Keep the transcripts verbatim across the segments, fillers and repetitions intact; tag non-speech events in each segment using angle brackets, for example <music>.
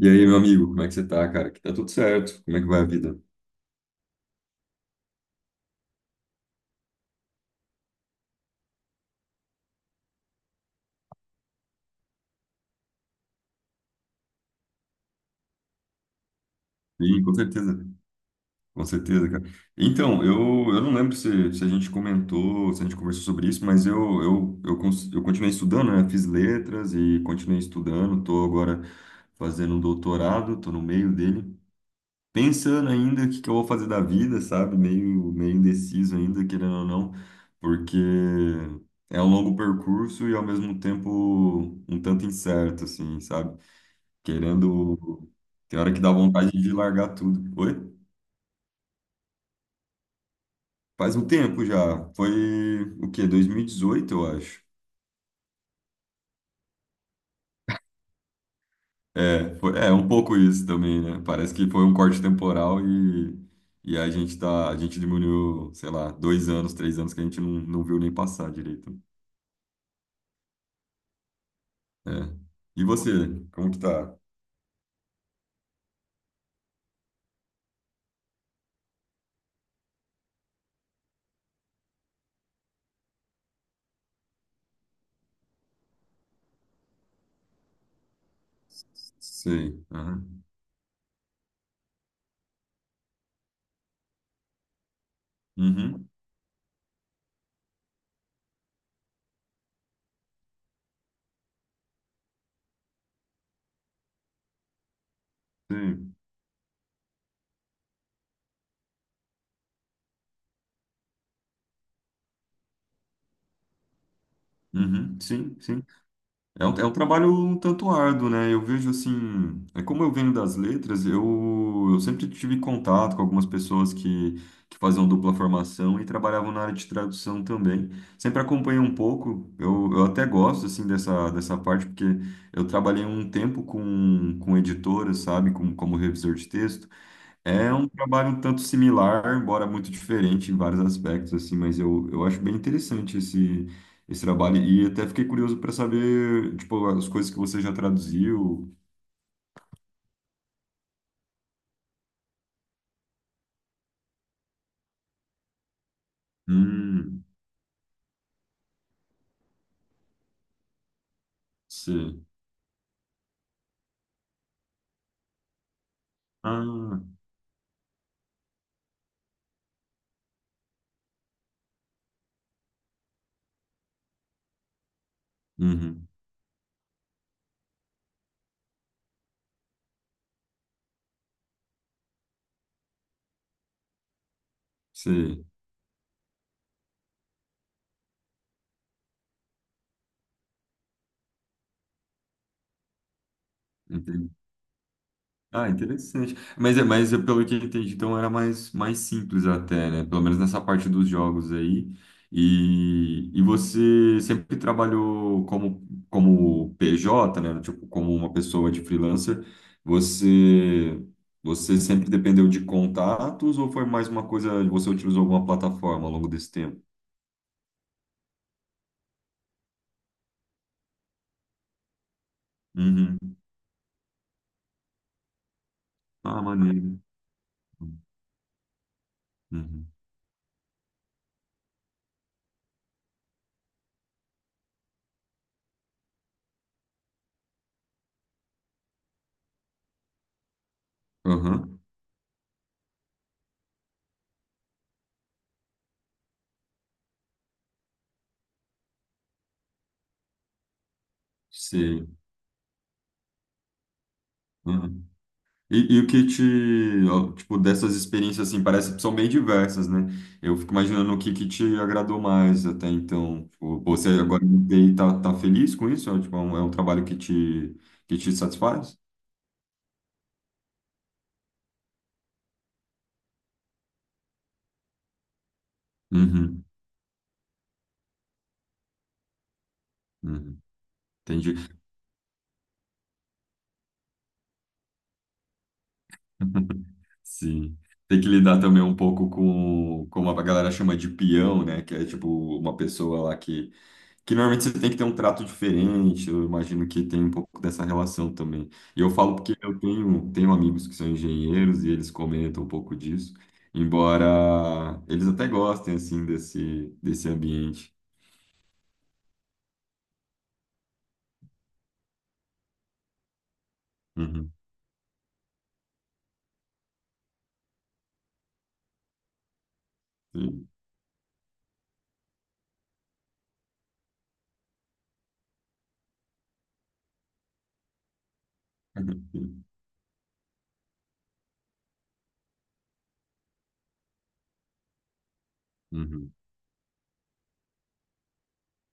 E aí, meu amigo, como é que você tá, cara? Que tá tudo certo? Como é que vai a vida? Sim, com certeza, com certeza, cara. Então, eu, eu não lembro se, se a gente comentou, se a gente conversou sobre isso, mas eu, eu, eu, cons- eu continuei estudando, né? Fiz letras e continuei estudando, tô agora fazendo um doutorado, tô no meio dele, pensando ainda o que que eu vou fazer da vida, sabe? Meio, meio indeciso ainda, querendo ou não, porque é um longo percurso e ao mesmo tempo um tanto incerto, assim, sabe? Querendo. Tem hora que dá vontade de largar tudo. Oi? Faz um tempo já. Foi o quê? Dois mil e dezoito eu acho. É, foi, é um pouco isso também, né? Parece que foi um corte temporal e, e a gente tá, a gente diminuiu, sei lá, dois anos, três anos que a gente não, não viu nem passar direito. É. E você, como que tá? Sei. Aham. Uhum. Sei. Uhum. Sim, sim. É um, é um trabalho um tanto árduo, né? Eu vejo assim, é como eu venho das letras, eu, eu sempre tive contato com algumas pessoas que, que faziam dupla formação e trabalhavam na área de tradução também. Sempre acompanhei um pouco, eu, eu até gosto assim dessa, dessa parte, porque eu trabalhei um tempo com, com editoras, sabe? Com, como revisor de texto. É um trabalho um tanto similar, embora muito diferente em vários aspectos, assim, mas eu, eu acho bem interessante esse, esse trabalho. E até fiquei curioso para saber, tipo, as coisas que você já traduziu. Hum, sei. Ah, uhum, sei. Entendi. Ah, interessante. Mas é, mas eu, pelo que eu entendi, então era mais, mais simples até, né? Pelo menos nessa parte dos jogos aí. E, e você sempre trabalhou como, como P J, né? Tipo, como uma pessoa de freelancer. Você, você sempre dependeu de contatos ou foi mais uma coisa, você utilizou alguma plataforma ao longo desse tempo? Uhum. Ah, maneiro. Uhum. Aham. Sei. E, e o que te, ó, tipo, dessas experiências, assim, parece que são bem diversas, né? Eu fico imaginando o que que te agradou mais até então. Tipo, você agora no T I tá, tá feliz com isso? É, tipo, é um, é um trabalho que te, que te satisfaz? Uhum, uhum, entendi. <laughs> Sim. Tem que lidar também um pouco com, como a galera chama de peão, né? Que é, tipo, uma pessoa lá que Que normalmente você tem que ter um trato diferente, eu imagino que tem um pouco dessa relação também. E eu falo porque eu tenho, tenho amigos que são engenheiros e eles comentam um pouco disso, embora eles até gostem, assim, desse, desse ambiente. Uhum, sim. <laughs> Uhum, Uhum.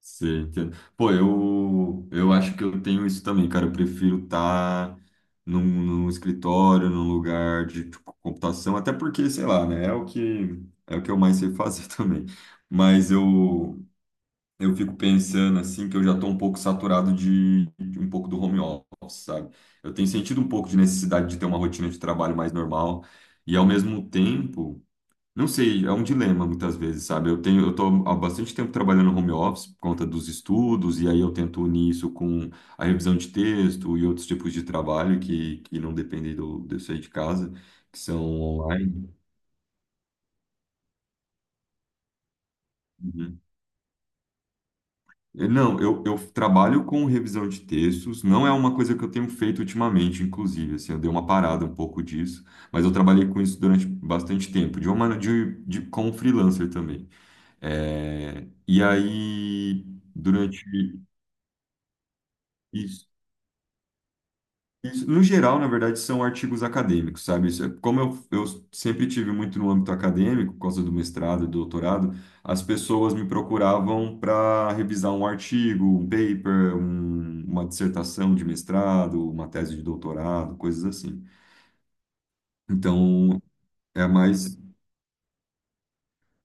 Sim, entendo. Pô, eu, eu acho que eu tenho isso também, cara. Eu prefiro estar num, num escritório, num lugar de tipo, computação, até porque, sei lá, né? É o que, é o que eu mais sei fazer <laughs> também. Mas eu, eu fico pensando, assim, que eu já tô um pouco saturado de, de um pouco do home office, sabe? Eu tenho sentido um pouco de necessidade de ter uma rotina de trabalho mais normal. E, ao mesmo tempo. Não sei, é um dilema muitas vezes, sabe? Eu tenho, eu tô há bastante tempo trabalhando no home office por conta dos estudos, e aí eu tento unir isso com a revisão de texto e outros tipos de trabalho que, que não dependem do, de eu sair de casa, que são online. Uhum. Eu- Não, eu, eu trabalho com revisão de textos, não é uma coisa que eu tenho feito ultimamente, inclusive, assim, eu dei uma parada um pouco disso, mas eu trabalhei com isso durante bastante tempo, de uma maneira de, de como freelancer também. É, e aí, durante Isso, isso. No geral, na verdade, são artigos acadêmicos, sabe? Isso é- como eu, eu sempre tive muito no âmbito acadêmico, por causa do mestrado e do doutorado, as pessoas me procuravam para revisar um artigo, um paper, um- uma dissertação de mestrado, uma tese de doutorado, coisas assim. Então, é mais.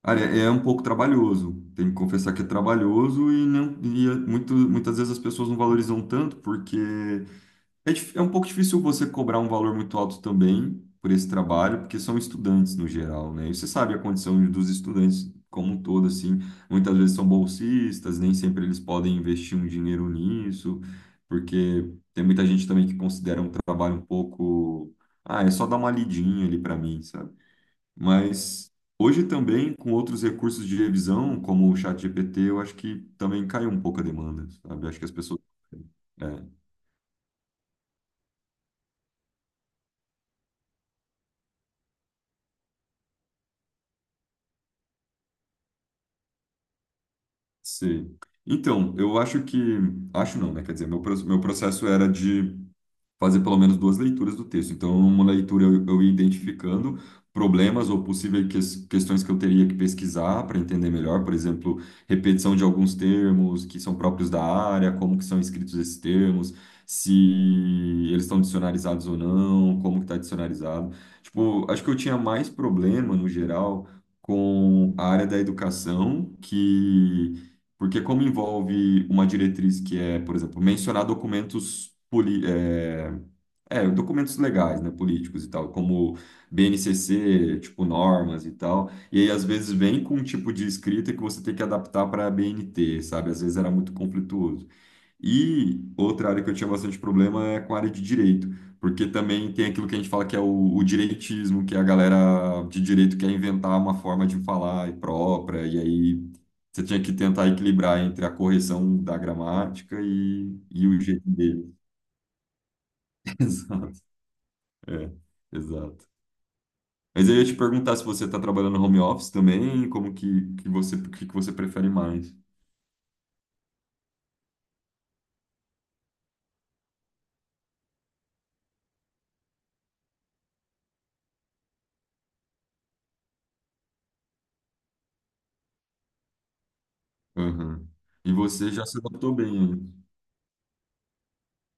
Olha, é um pouco trabalhoso, tenho que confessar que é trabalhoso e, não, e é muito, muitas vezes as pessoas não valorizam tanto porque É, dif- é um pouco difícil você cobrar um valor muito alto também por esse trabalho, porque são estudantes no geral, né? E você sabe a condição dos estudantes como um todo, assim. Muitas vezes são bolsistas, nem sempre eles podem investir um dinheiro nisso, porque tem muita gente também que considera um trabalho um pouco. Ah, é só dar uma lidinha ali para mim, sabe? Mas hoje também, com outros recursos de revisão, como o ChatGPT, eu acho que também caiu um pouco a demanda, sabe? Acho que as pessoas. É. Sim. Então, eu acho que. Acho não, né? Quer dizer, meu, pro- meu processo era de fazer pelo menos duas leituras do texto. Então, uma leitura eu, eu ia identificando problemas ou possíveis ques- questões que eu teria que pesquisar para entender melhor, por exemplo, repetição de alguns termos que são próprios da área, como que são escritos esses termos, se eles estão dicionarizados ou não, como que está dicionarizado. Tipo, acho que eu tinha mais problema, no geral, com a área da educação, que porque como envolve uma diretriz que é, por exemplo, mencionar documentos poli- é, é, documentos legais, né, políticos e tal, como B N C C, tipo normas e tal, e aí às vezes vem com um tipo de escrita que você tem que adaptar para a B N T, sabe? Às vezes era muito conflituoso. E outra área que eu tinha bastante problema é com a área de direito, porque também tem aquilo que a gente fala que é o, o direitismo, que a galera de direito quer inventar uma forma de falar própria, e aí você tinha que tentar equilibrar entre a correção da gramática e, e o jeito dele. <laughs> Exato. É, exato. Mas eu ia te perguntar se você está trabalhando no home office também, como que, que você, o que que você prefere mais? Aham. E você já se adaptou bem aí.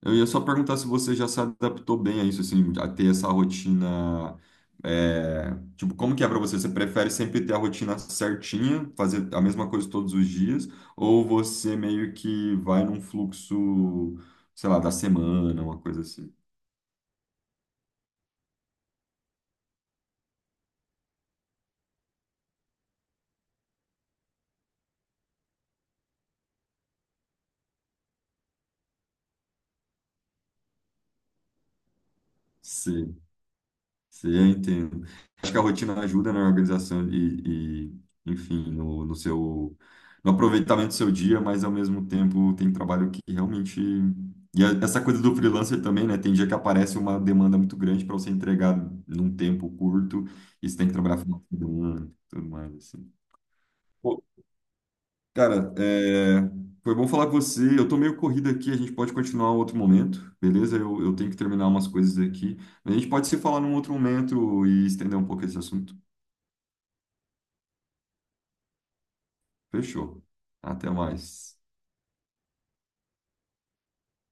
Eu ia só perguntar se você já se adaptou bem a isso, assim, a ter essa rotina. É, tipo, como que é pra você? Você prefere sempre ter a rotina certinha, fazer a mesma coisa todos os dias, ou você meio que vai num fluxo, sei lá, da semana, uma coisa assim? Sim, sim, eu entendo. Acho que a rotina ajuda na organização e, e, enfim, no, no seu, no aproveitamento do seu dia, mas ao mesmo tempo tem trabalho que realmente. E a- essa coisa do freelancer também, né? Tem dia que aparece uma demanda muito grande para você entregar num tempo curto e você tem que trabalhar final de semana, tudo mais, assim. Cara, é, foi bom falar com você. Eu tô meio corrido aqui, a gente pode continuar em outro momento, beleza? Eu, eu tenho que terminar umas coisas aqui. A gente pode se falar num outro momento e estender um pouco esse assunto. Fechou. Até mais.